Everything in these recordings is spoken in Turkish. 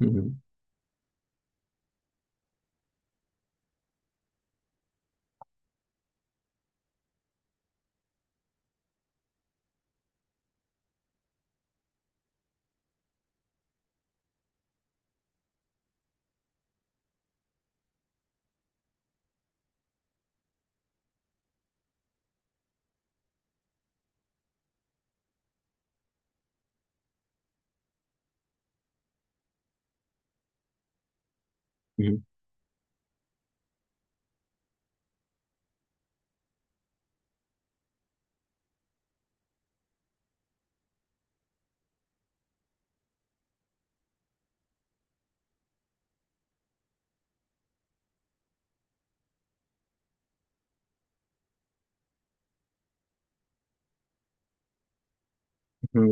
Hı hı, hı hı.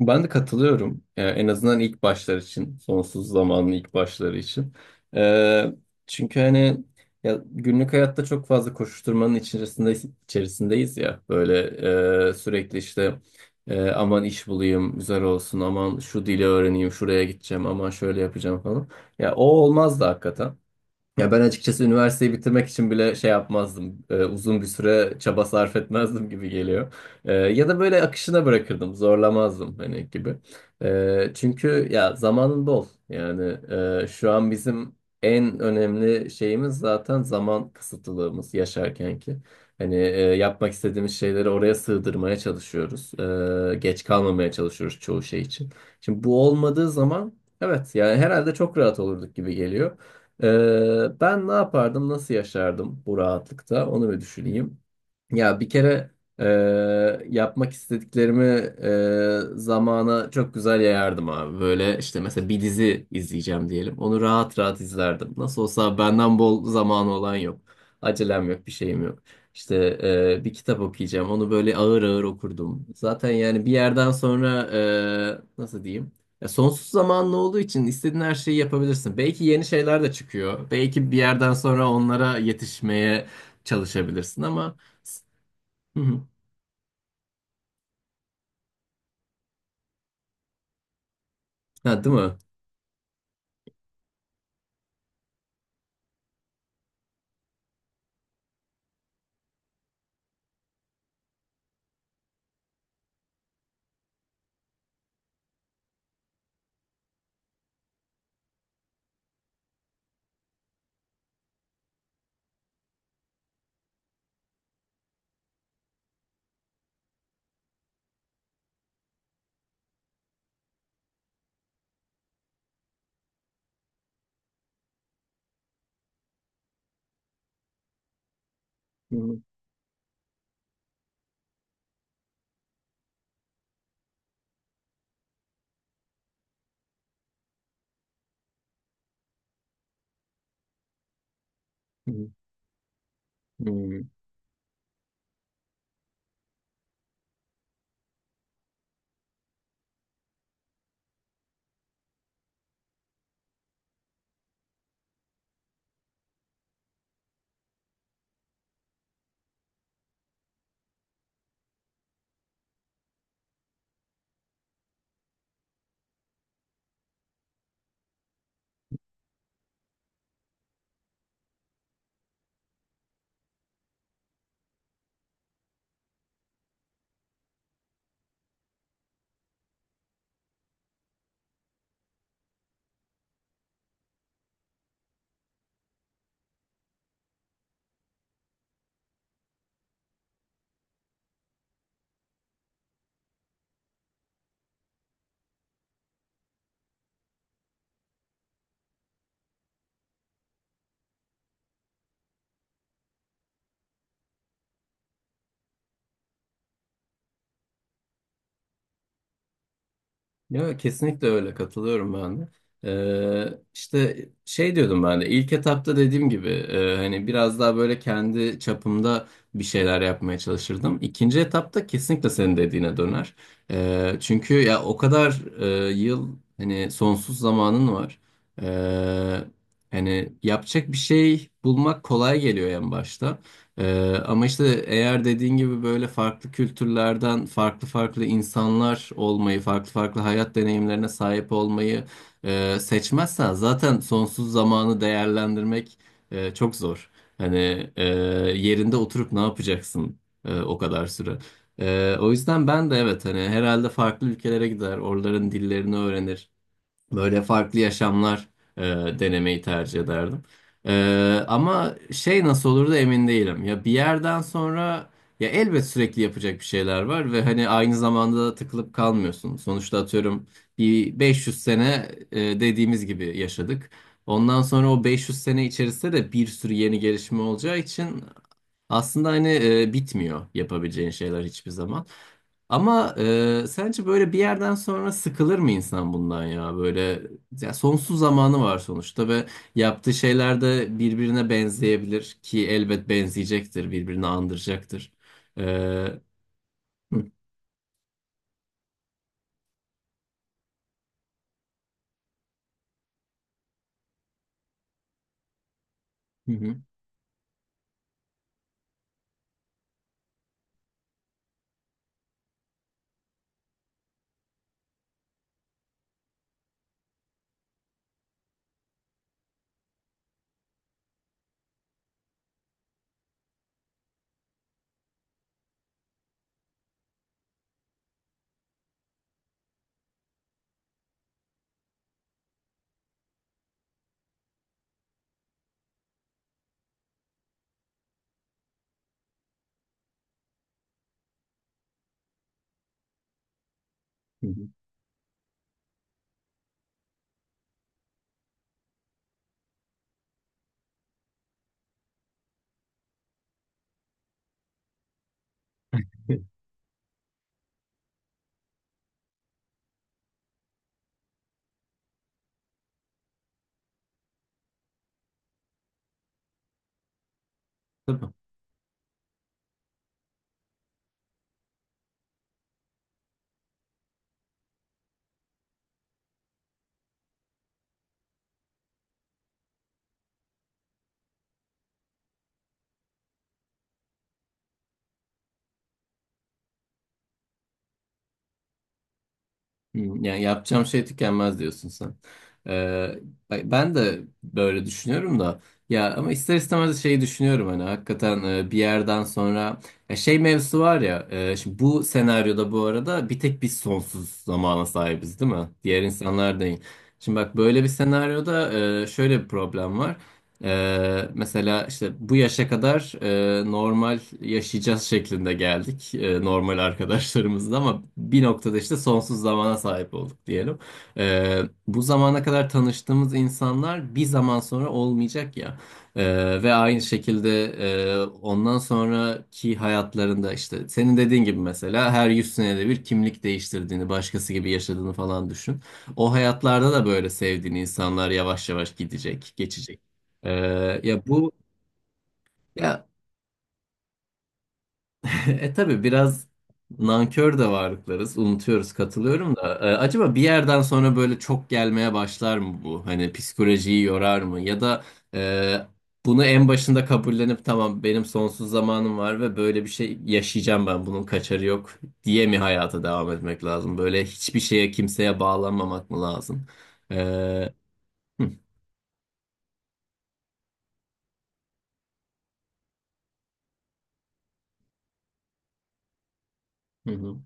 Ben de katılıyorum. En azından ilk başlar için, sonsuz zamanın ilk başları için. Ee, çünkü hani ya günlük hayatta çok fazla koşuşturmanın içerisindeyiz ya. Böyle sürekli işte aman iş bulayım, güzel olsun, aman şu dili öğreneyim, şuraya gideceğim, aman şöyle yapacağım falan. Ya o olmaz da hakikaten. Ya ben açıkçası üniversiteyi bitirmek için bile şey yapmazdım. Uzun bir süre çaba sarf etmezdim gibi geliyor. Ya da böyle akışına bırakırdım, zorlamazdım hani gibi. Çünkü ya zamanın bol. Yani şu an bizim en önemli şeyimiz zaten zaman kısıtlılığımız yaşarken ki. Hani yapmak istediğimiz şeyleri oraya sığdırmaya çalışıyoruz. Geç kalmamaya çalışıyoruz çoğu şey için. Şimdi bu olmadığı zaman, evet, yani herhalde çok rahat olurduk gibi geliyor. Ben ne yapardım, nasıl yaşardım bu rahatlıkta onu bir düşüneyim. Ya bir kere e, yapmak istediklerimi zamana çok güzel yayardım abi. Böyle işte mesela bir dizi izleyeceğim diyelim. Onu rahat rahat izlerdim. Nasıl olsa benden bol zamanı olan yok. Acelem yok, bir şeyim yok. İşte bir kitap okuyacağım. Onu böyle ağır ağır okurdum. Zaten yani bir yerden sonra, nasıl diyeyim? Ya sonsuz zamanlı olduğu için istediğin her şeyi yapabilirsin. Belki yeni şeyler de çıkıyor. Belki bir yerden sonra onlara yetişmeye çalışabilirsin ama... Hı hı. Ha, değil mi? Hı hı. Hı hı. Hı. Ya kesinlikle öyle katılıyorum ben de. İşte şey diyordum ben de ilk etapta dediğim gibi, hani biraz daha böyle kendi çapımda bir şeyler yapmaya çalışırdım. İkinci etapta kesinlikle senin dediğine döner. Çünkü ya o kadar yıl hani sonsuz zamanın var. Ee, hani yapacak bir şey bulmak kolay geliyor en başta. Ama işte eğer dediğin gibi böyle farklı kültürlerden farklı farklı insanlar olmayı, farklı farklı hayat deneyimlerine sahip olmayı seçmezsen zaten sonsuz zamanı değerlendirmek çok zor. Hani yerinde oturup ne yapacaksın o kadar süre. O yüzden ben de, evet, hani herhalde farklı ülkelere gider, oraların dillerini öğrenir. Böyle farklı yaşamlar e, denemeyi tercih ederdim. Ama şey nasıl olur da emin değilim. Ya bir yerden sonra ya elbet sürekli yapacak bir şeyler var ve hani aynı zamanda da tıkılıp kalmıyorsun. Sonuçta atıyorum bir 500 sene, dediğimiz gibi yaşadık. Ondan sonra o 500 sene içerisinde de bir sürü yeni gelişme olacağı için aslında hani bitmiyor yapabileceğin şeyler hiçbir zaman. Ama sence böyle bir yerden sonra sıkılır mı insan bundan ya? Böyle ya sonsuz zamanı var sonuçta ve yaptığı şeyler de birbirine benzeyebilir ki elbet benzeyecektir, birbirini andıracaktır. Hı, hı, hı, hı. Hmm, yani yapacağım şey tükenmez diyorsun sen. Ee, ben de böyle düşünüyorum da, ya ama ister istemez şeyi düşünüyorum hani hakikaten, bir yerden sonra ya şey mevzusu var ya, şimdi bu senaryoda bu arada bir tek biz sonsuz zamana sahibiz, değil mi? Diğer insanlar değil. Şimdi bak, böyle bir senaryoda şöyle bir problem var. Mesela işte bu yaşa kadar normal yaşayacağız şeklinde geldik, normal arkadaşlarımızla, ama bir noktada işte sonsuz zamana sahip olduk diyelim. Ee, bu zamana kadar tanıştığımız insanlar bir zaman sonra olmayacak ya. Ve aynı şekilde, ondan sonraki hayatlarında işte senin dediğin gibi, mesela her 100 senede bir kimlik değiştirdiğini, başkası gibi yaşadığını falan düşün. O hayatlarda da böyle sevdiğin insanlar yavaş yavaş gidecek, geçecek. Ya bu ya, tabii biraz nankör de varlıklarız. Unutuyoruz, katılıyorum da. Acaba bir yerden sonra böyle çok gelmeye başlar mı bu? Hani psikolojiyi yorar mı? Ya da e, bunu en başında kabullenip tamam benim sonsuz zamanım var ve böyle bir şey yaşayacağım, ben bunun kaçarı yok diye mi hayata devam etmek lazım? Böyle hiçbir şeye, kimseye bağlanmamak mı lazım? Ee, hı, hı, hı,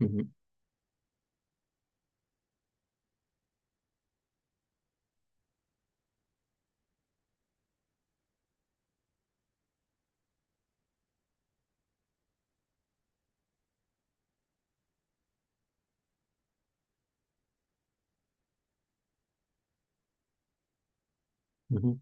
hı, hı,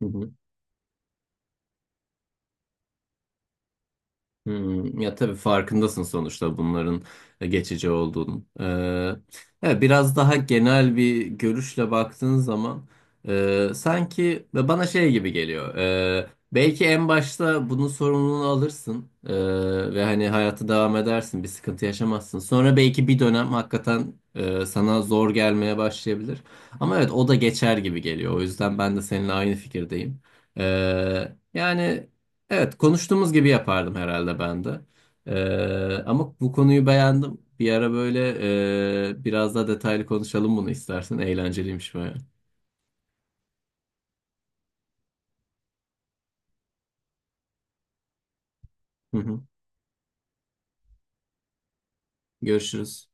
hı, hı. Hmm, ya tabii farkındasın sonuçta bunların geçici olduğunu. Evet, biraz daha genel bir görüşle baktığın zaman sanki ve bana şey gibi geliyor. Belki en başta bunun sorumluluğunu alırsın, ve hani hayatı devam edersin, bir sıkıntı yaşamazsın. Sonra belki bir dönem hakikaten sana zor gelmeye başlayabilir. Ama evet o da geçer gibi geliyor. O yüzden ben de seninle aynı fikirdeyim. Yani. Evet, konuştuğumuz gibi yapardım herhalde ben de. Ama bu konuyu beğendim. Bir ara böyle biraz daha detaylı konuşalım bunu istersen. Eğlenceliymiş baya. Hı hı. Görüşürüz.